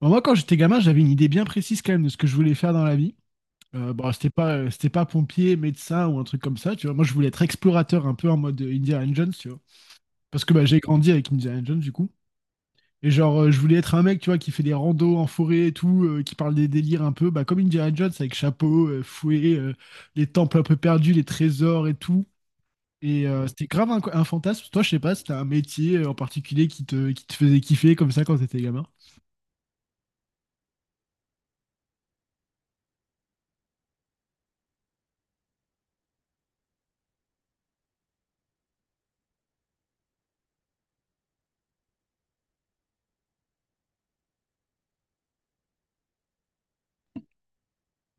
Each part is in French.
Bon, moi, quand j'étais gamin, j'avais une idée bien précise quand même de ce que je voulais faire dans la vie. Bon, c'était pas pompier, médecin ou un truc comme ça, tu vois. Moi, je voulais être explorateur un peu en mode Indiana Jones, tu vois. Parce que bah, j'ai grandi avec Indiana Jones, du coup. Et genre, je voulais être un mec, tu vois, qui fait des randos en forêt et tout, qui parle des délires un peu, bah, comme Indiana Jones, avec chapeau, fouet, les temples un peu perdus, les trésors et tout. C'était grave un fantasme. Toi, je sais pas, c'était un métier en particulier qui te faisait kiffer comme ça quand t'étais gamin.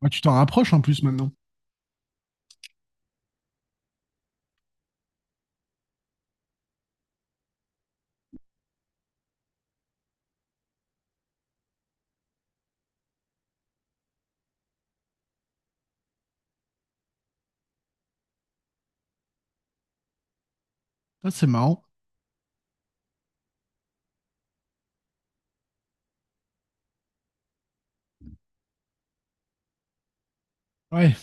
Ouais, tu t'en rapproches en plus maintenant. Ah, c'est marrant. Ouais.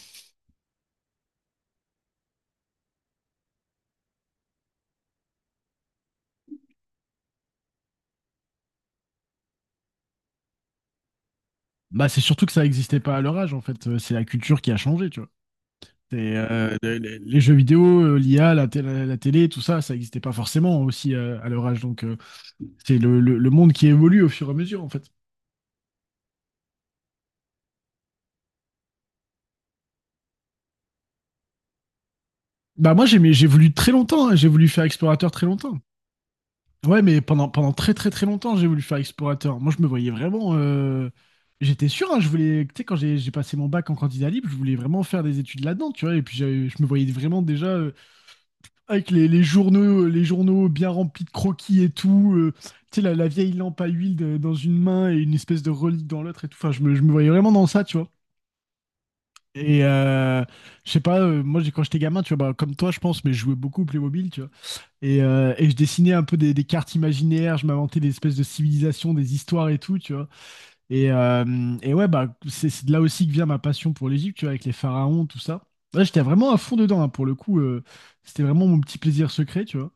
Bah, c'est surtout que ça n'existait pas à leur âge, en fait. C'est la culture qui a changé, tu vois. Les jeux vidéo, l'IA, la télé, tout ça, ça n'existait pas forcément aussi à leur âge. Donc, c'est le, le monde qui évolue au fur et à mesure, en fait. Bah, moi, j'ai voulu très longtemps, hein. J'ai voulu faire explorateur très longtemps. Ouais, mais pendant très très très longtemps, j'ai voulu faire explorateur. Moi, je me voyais vraiment. J'étais sûr, hein, je voulais. Tu sais, quand j'ai passé mon bac en candidat libre, je voulais vraiment faire des études là-dedans, tu vois. Et puis, je me voyais vraiment déjà avec les journaux bien remplis de croquis et tout. Tu sais, la vieille lampe à huile dans une main et une espèce de relique dans l'autre et tout. Enfin, je me voyais vraiment dans ça, tu vois. Et euh, je sais pas, moi, quand j'étais gamin, tu vois, bah, comme toi, je pense, mais je jouais beaucoup au Playmobil, tu vois. Et je dessinais un peu des cartes imaginaires, je m'inventais des espèces de civilisations, des histoires et tout, tu vois. Et ouais, bah, c'est de là aussi que vient ma passion pour l'Égypte, tu vois, avec les pharaons, tout ça. Là, j'étais vraiment à fond dedans, hein, pour le coup. C'était vraiment mon petit plaisir secret, tu vois.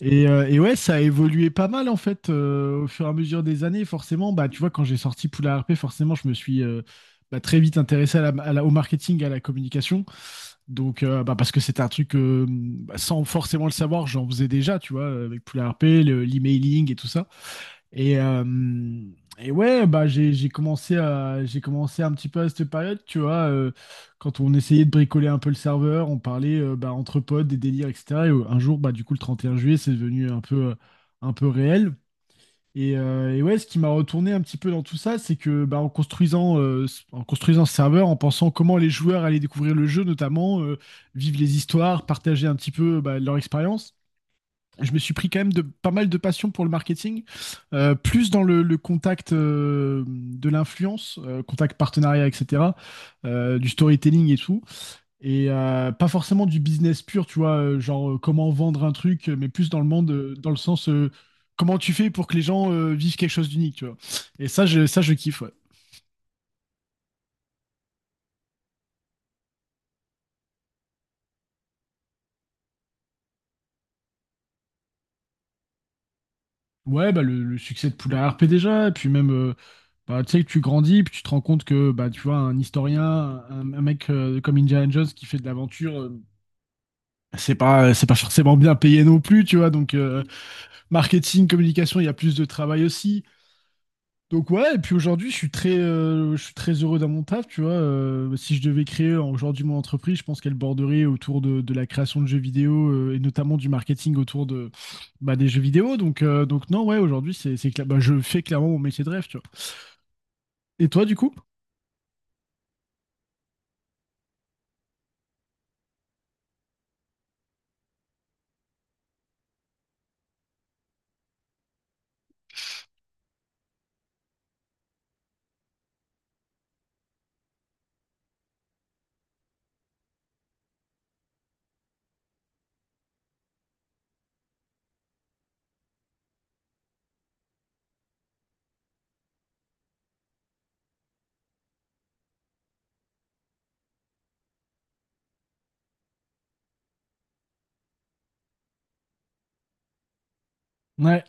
Et ouais, ça a évolué pas mal, en fait, au fur et à mesure des années, forcément. Bah, tu vois, quand j'ai sorti Poula RP, forcément, je me suis bah, très vite intéressé à à au marketing, à la communication. Donc, bah, parce que c'est un truc, bah, sans forcément le savoir, j'en faisais déjà, tu vois, avec Poula RP, l'emailing et tout ça. Et, euh, et ouais, bah, j'ai commencé un petit peu à cette période, tu vois, quand on essayait de bricoler un peu le serveur, on parlait bah, entre potes, des délires, etc. Un jour, bah, du coup, le 31 juillet, c'est devenu un peu réel. Et ouais, ce qui m'a retourné un petit peu dans tout ça, c'est que bah, en construisant ce serveur, en pensant comment les joueurs allaient découvrir le jeu, notamment, vivre les histoires, partager un petit peu bah, leur expérience, je me suis pris quand même de pas mal de passion pour le marketing, plus dans le contact de l'influence, contact partenariat, etc., du storytelling et tout. Pas forcément du business pur, tu vois, genre comment vendre un truc, mais plus dans le monde, dans le sens comment tu fais pour que les gens vivent quelque chose d'unique, tu vois. Et ça, ça, je kiffe, ouais. Ouais, bah, le succès de Poula RP déjà, et puis même, bah, tu sais, que tu grandis, puis tu te rends compte que, bah, tu vois, un historien, un mec comme Indiana Jones qui fait de l'aventure, c'est pas forcément bien payé non plus, tu vois, donc marketing, communication, il y a plus de travail aussi. Donc ouais, et puis aujourd'hui, je suis très heureux dans mon taf, tu vois. Si je devais créer aujourd'hui mon entreprise, je pense qu'elle borderait autour de la création de jeux vidéo et notamment du marketing autour de, bah, des jeux vidéo. Donc non, ouais, aujourd'hui, c'est, bah, je fais clairement mon métier de rêve, tu vois. Et toi, du coup? Ouais.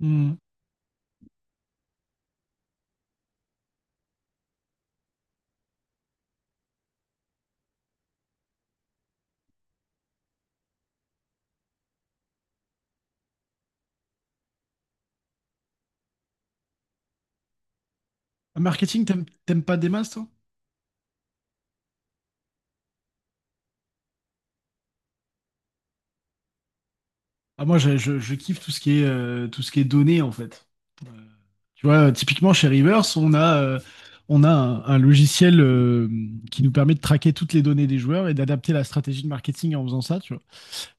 Hmm. Marketing, t'aimes pas des masses, toi? Ah, moi, je kiffe tout ce qui est, tout ce qui est données, en fait. Tu vois, typiquement chez Rivers, on a un logiciel qui nous permet de traquer toutes les données des joueurs et d'adapter la stratégie de marketing en faisant ça, tu vois.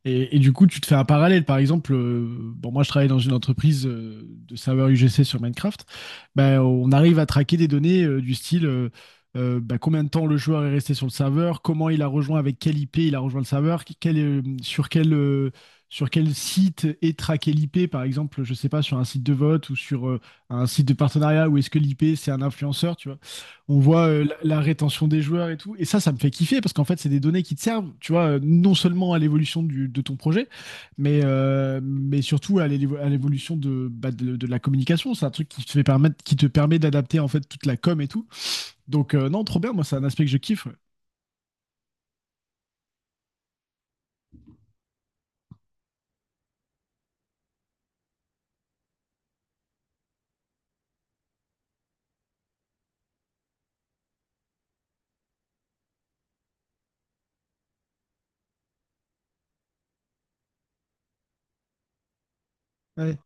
Et du coup, tu te fais un parallèle. Par exemple, bon, moi, je travaille dans une entreprise de serveurs UGC sur Minecraft. Ben, on arrive à traquer des données du style ben, combien de temps le joueur est resté sur le serveur, comment il a rejoint, avec quelle IP il a rejoint le serveur, sur sur quel site est traqué l'IP, par exemple, je sais pas, sur un site de vote ou sur un site de partenariat, où est-ce que l'IP c'est un influenceur, tu vois on voit la, la rétention des joueurs et tout. Et ça me fait kiffer parce qu'en fait, c'est des données qui te servent, tu vois, non seulement à l'évolution de ton projet, mais surtout à à l'évolution de, bah, de la communication. C'est un truc qui te fait permettre, qui te permet d'adapter en fait toute la com et tout. Donc, non, trop bien. Moi, c'est un aspect que je kiffe. Ouais. Ouais.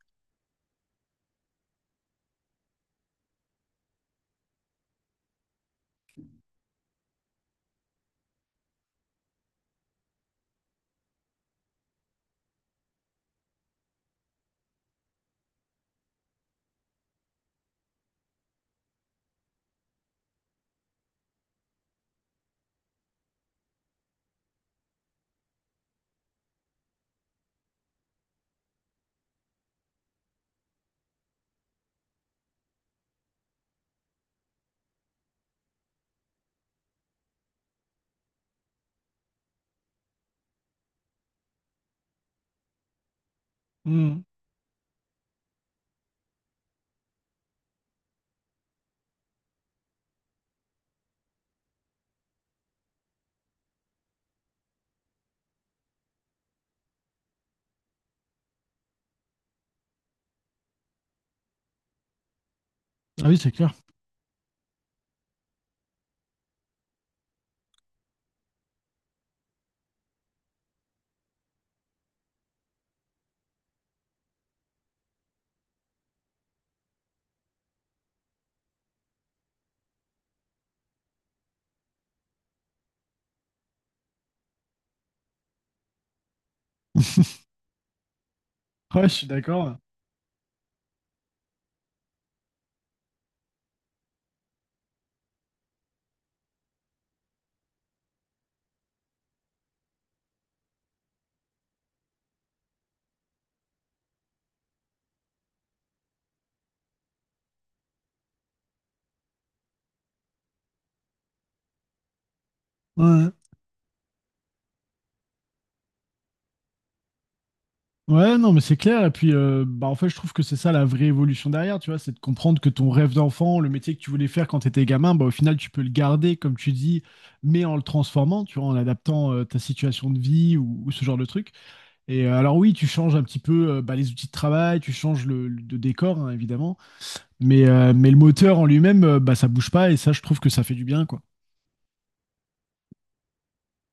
Mm. Ah oui, c'est clair. Ouais, je suis d'accord. Ouais. Ouais, non, mais c'est clair. Et puis, bah, en fait, je trouve que c'est ça la vraie évolution derrière, tu vois, c'est de comprendre que ton rêve d'enfant, le métier que tu voulais faire quand tu étais gamin, bah, au final, tu peux le garder, comme tu dis, mais en le transformant, tu vois, en adaptant ta situation de vie ou ce genre de truc. Alors, oui, tu changes un petit peu bah, les outils de travail, tu changes le, de décor, hein, évidemment, mais le moteur en lui-même, bah, ça bouge pas et ça, je trouve que ça fait du bien, quoi.